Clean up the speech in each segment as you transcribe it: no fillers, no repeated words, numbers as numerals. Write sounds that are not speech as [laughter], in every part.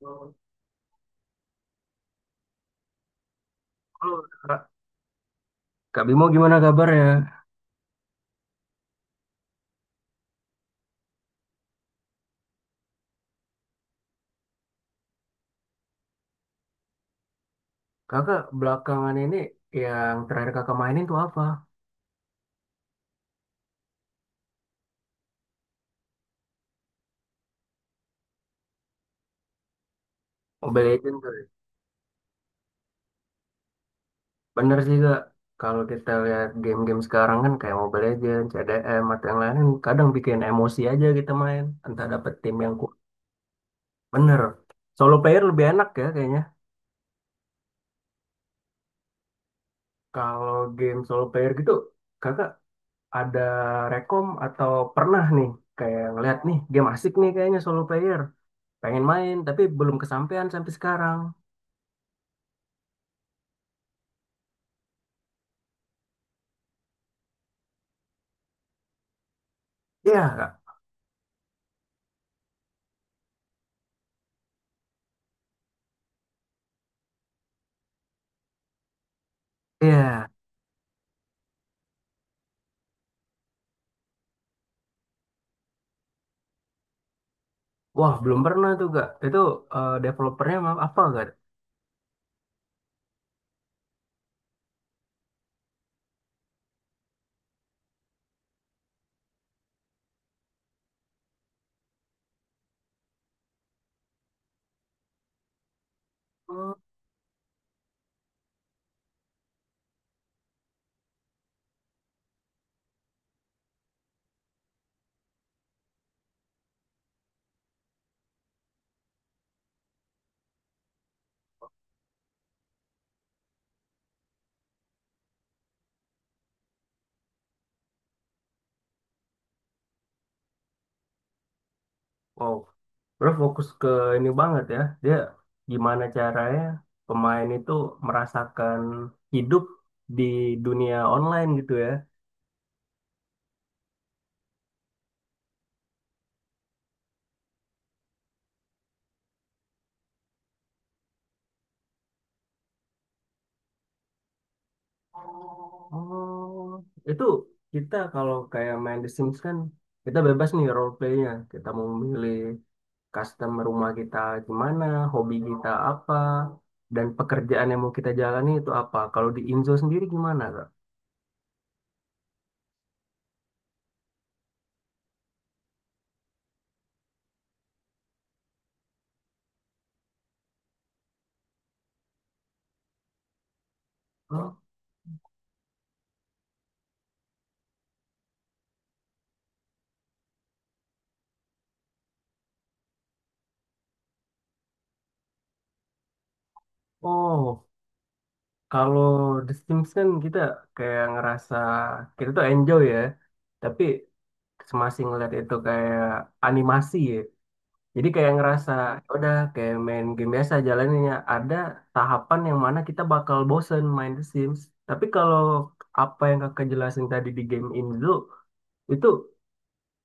Halo, Kak Kak Bimo gimana kabarnya? Kakak belakangan ini yang terakhir kakak mainin tuh apa? Mobile Legends kali. Bener sih kak, kalau kita lihat game-game sekarang kan kayak Mobile Legends, CDM, atau yang lain kadang bikin emosi aja kita main. Entah dapet tim yang kuat. Bener. Solo player lebih enak ya kayaknya. Kalau game solo player gitu, kakak ada rekom atau pernah nih kayak ngeliat nih game asik nih kayaknya solo player. Pengen main tapi belum kesampaian sampai sekarang. Iya, iya. Wah, belum pernah tuh, Kak. Itu developernya maaf apa, Kak? Hmm. Wow. Bro fokus ke ini banget ya. Dia gimana caranya pemain itu merasakan hidup di dunia online gitu ya. Oh, itu kita kalau kayak main The Sims kan kita bebas nih role playnya. Kita mau memilih custom rumah kita gimana, hobi kita apa, dan pekerjaan yang mau kita jalani itu apa. Kalau di Inzo sendiri gimana, Kak? Hah? Oh, kalau The Sims kan kita kayak ngerasa kita tuh enjoy ya, tapi masih ngeliat itu kayak animasi ya. Jadi kayak ngerasa ya udah kayak main game biasa jalannya ada tahapan yang mana kita bakal bosen main The Sims. Tapi kalau apa yang kakak jelasin tadi di game Inzo itu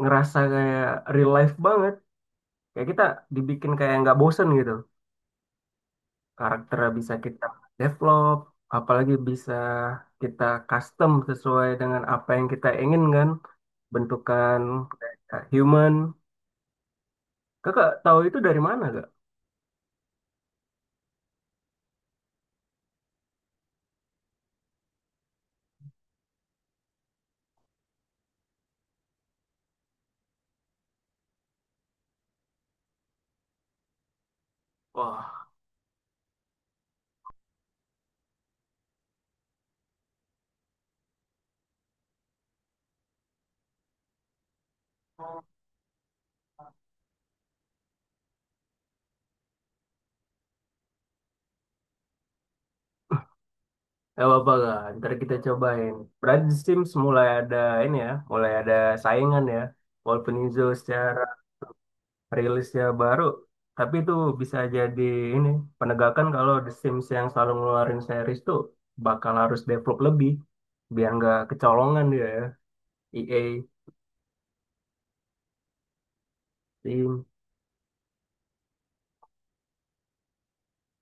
ngerasa kayak real life banget. Kayak kita dibikin kayak nggak bosen gitu. Karakternya bisa kita develop, apalagi bisa kita custom sesuai dengan apa yang kita inginkan. Bentukan kayak human. Kakak tahu itu dari mana gak? Wah, gak apa-apa gak? Ntar kita cobain. Berarti Sims mulai ada ini ya, mulai ada saingan ya. Walaupun Izo secara rilisnya baru tapi itu bisa jadi ini penegakan kalau The Sims yang selalu ngeluarin series tuh bakal harus develop lebih biar nggak kecolongan dia ya EA Steam.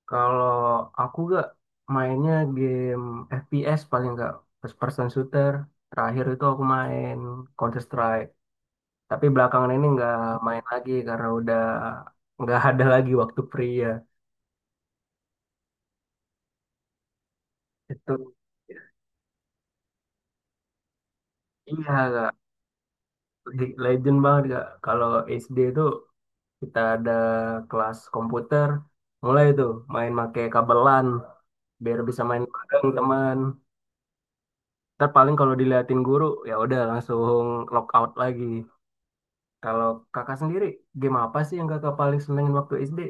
Kalau aku gak mainnya game FPS paling nggak first person shooter terakhir itu aku main Counter Strike tapi belakangan ini nggak main lagi karena udah nggak ada lagi waktu free ya. Itu. Iya, Kak. League Legend banget kak. Kalau SD itu kita ada kelas komputer, mulai tuh main make kabelan biar bisa main bareng teman. Ntar paling kalau diliatin guru ya udah langsung lockout lagi. Kalau kakak sendiri game apa sih yang kakak paling senengin waktu SD?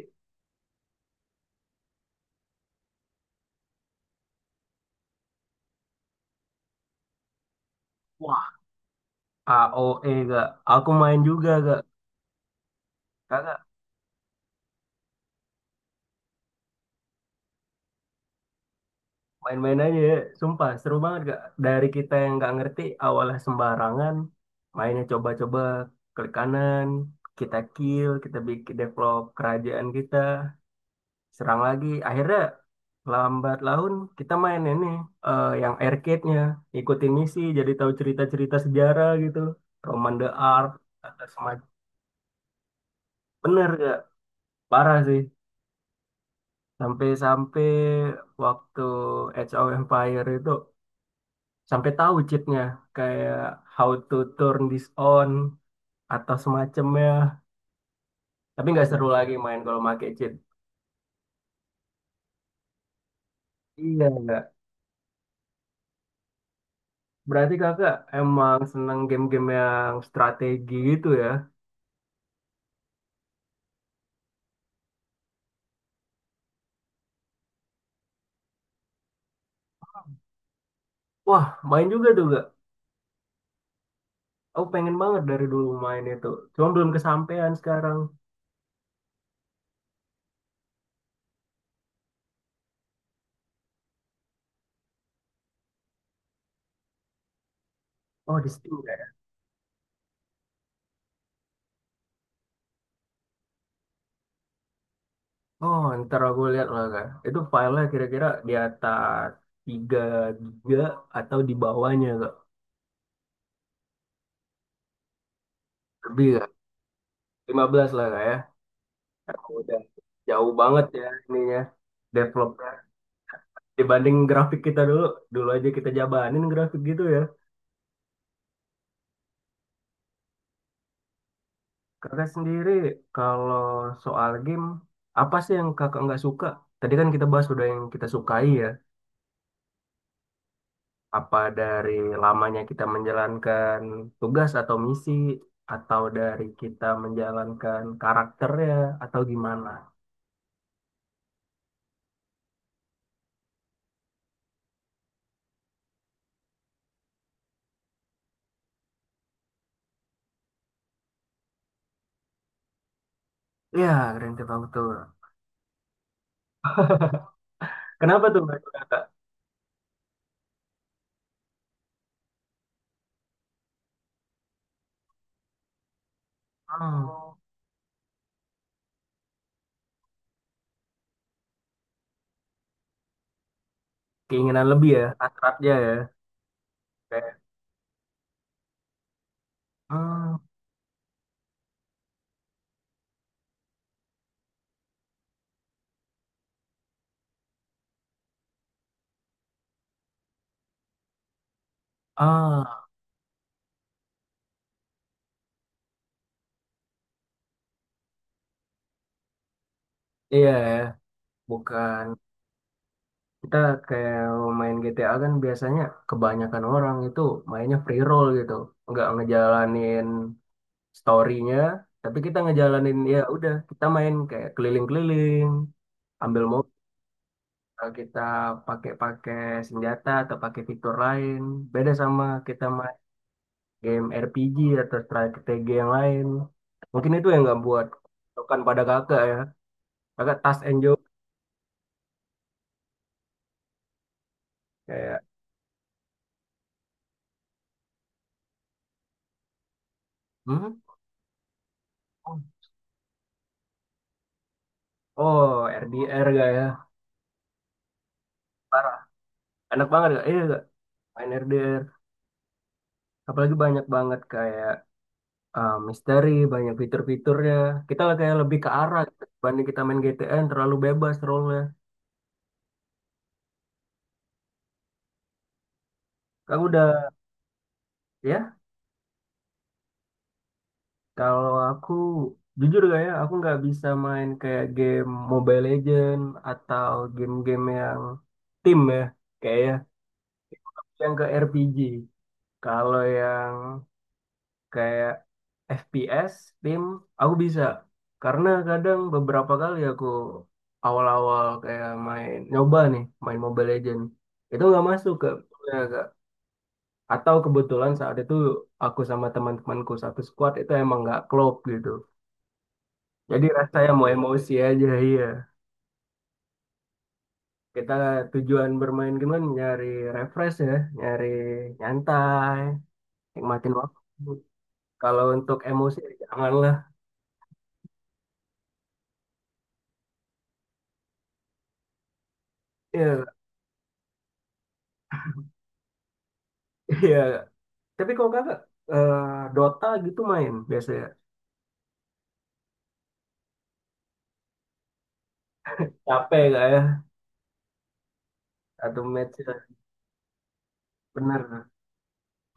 Wah, AOE kak. Aku main juga kak. Kakak Main-main aja ya. Sumpah, seru banget gak? Dari kita yang nggak ngerti, awalnya sembarangan, mainnya coba-coba, klik kanan, kita kill, kita bikin develop kerajaan kita, serang lagi. Akhirnya lambat laun kita main ini yang arcade-nya, ikutin misi, jadi tahu cerita-cerita sejarah gitu, Roman the Art atau semacam. Bener gak? Parah sih. Sampai-sampai waktu Age of Empire itu sampai tahu cheatnya kayak how to turn this on atau semacamnya tapi nggak seru lagi main kalau pakai cheat. Iya nggak, berarti kakak emang seneng game-game yang strategi gitu ya. Wah main juga tuh gak, aku pengen banget dari dulu main itu cuma belum kesampaian sekarang. Oh di Steam nggak ya. Oh ntar aku lihat lah kak itu filenya kira-kira di atas 3 giga atau di bawahnya kak. Lebih kak? 15 lah kak ya. Aku udah jauh banget ya ininya developnya dibanding grafik kita dulu. Dulu aja kita jabanin grafik gitu ya. Kakak sendiri kalau soal game apa sih yang kakak nggak suka, tadi kan kita bahas udah yang kita sukai ya, apa dari lamanya kita menjalankan tugas atau misi atau dari kita menjalankan karakternya atau gimana. Ya, Grand Theft Auto. Kenapa tuh nggak suka, kakak? Hmm, keinginan lebih ya hasratnya ya. Kayak, hmm, ah, iya ya, bukan kita kayak main GTA kan biasanya kebanyakan orang itu mainnya free roll gitu, nggak ngejalanin story-nya, tapi kita ngejalanin ya udah kita main kayak keliling-keliling, ambil mobil, kita pakai-pakai senjata atau pakai fitur lain, beda sama kita main game RPG atau strategi yang lain. Mungkin itu yang nggak buat bukan pada kakak ya, kakak tas and joke kayak hmm? Oh, RDR gak ya? Parah. Enak banget gak? Iya gak? Main RDR. Apalagi banyak banget kayak misteri, banyak fitur-fiturnya. Kita lah kayak lebih ke arah gitu. Dibanding kita main GTN, terlalu bebas role-nya. Aku udah, ya, kalau aku jujur gak ya, aku nggak bisa main kayak game Mobile Legend atau game-game yang tim ya. Kayak ya, yang ke RPG. Kalau yang kayak FPS tim aku bisa karena kadang beberapa kali aku awal-awal kayak main nyoba nih main Mobile Legend itu nggak masuk ke ya, Kak. Atau kebetulan saat itu aku sama teman-temanku satu squad itu emang nggak klop gitu jadi rasanya mau emosi aja iya kita tujuan bermain game kan nyari refresh ya nyari nyantai nikmatin waktu kalau untuk emosi janganlah. Iya, iya. Tapi kalau kakak eh, Dota gitu main biasanya. Capek gak ya? Satu match ya. Bener.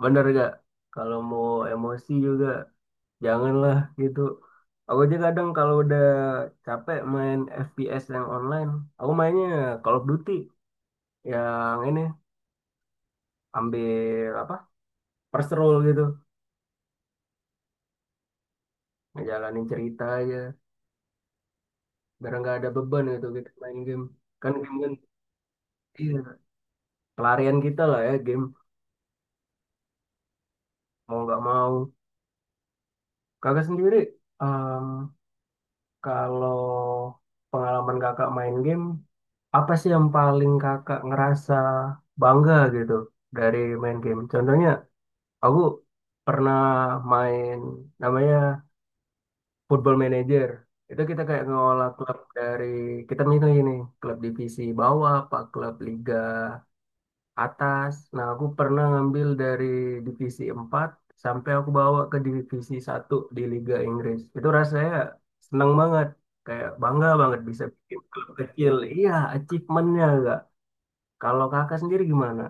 Bener gak? Kalau mau emosi juga janganlah gitu. Aku aja kadang kalau udah capek main FPS yang online, aku mainnya Call of Duty yang ini ambil apa? First roll gitu. Ngejalanin cerita aja biar nggak ada beban gitu kita main game. Kan game kan iya, pelarian kita lah ya game mau nggak mau. Kakak sendiri kalau pengalaman kakak main game, apa sih yang paling kakak ngerasa bangga gitu dari main game? Contohnya, aku pernah main namanya Football Manager. Itu kita kayak ngelola klub dari, kita milih ini, klub divisi bawah, apa klub liga atas. Nah, aku pernah ngambil dari divisi 4 sampai aku bawa ke divisi 1 di Liga Inggris. Itu rasanya seneng banget. Kayak bangga banget bisa bikin klub kecil. Iya, achievementnya enggak. Kalau kakak sendiri gimana?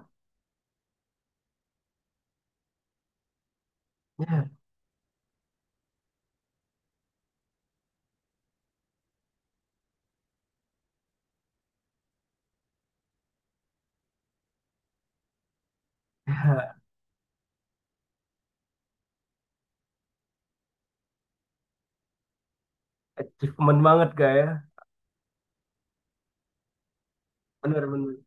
Ya, [laughs] ya, achievement banget kak ya. Bener-bener.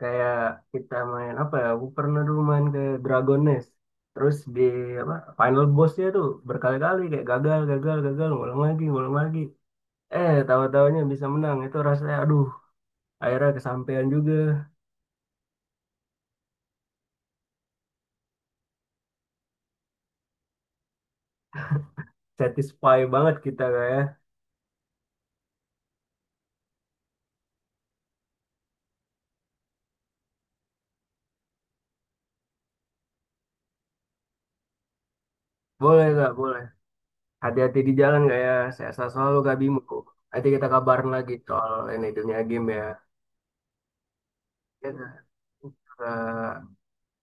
Kayak kita main apa ya, aku pernah dulu main ke Dragon Nest. Terus di apa, final bossnya tuh berkali-kali kayak gagal, gagal, gagal, ngulang lagi, ngulang lagi. Eh, tahu-tahunya bisa menang. Itu rasanya, aduh, akhirnya kesampaian juga. Satisfy banget kita, Kak ya. Boleh, Kak, boleh. Hati-hati di jalan, Kak ya. Sehat selalu, Kak Bimo. Nanti kita kabarin lagi soal ini dunia game ya. Ya, Kak. Oke, Kak.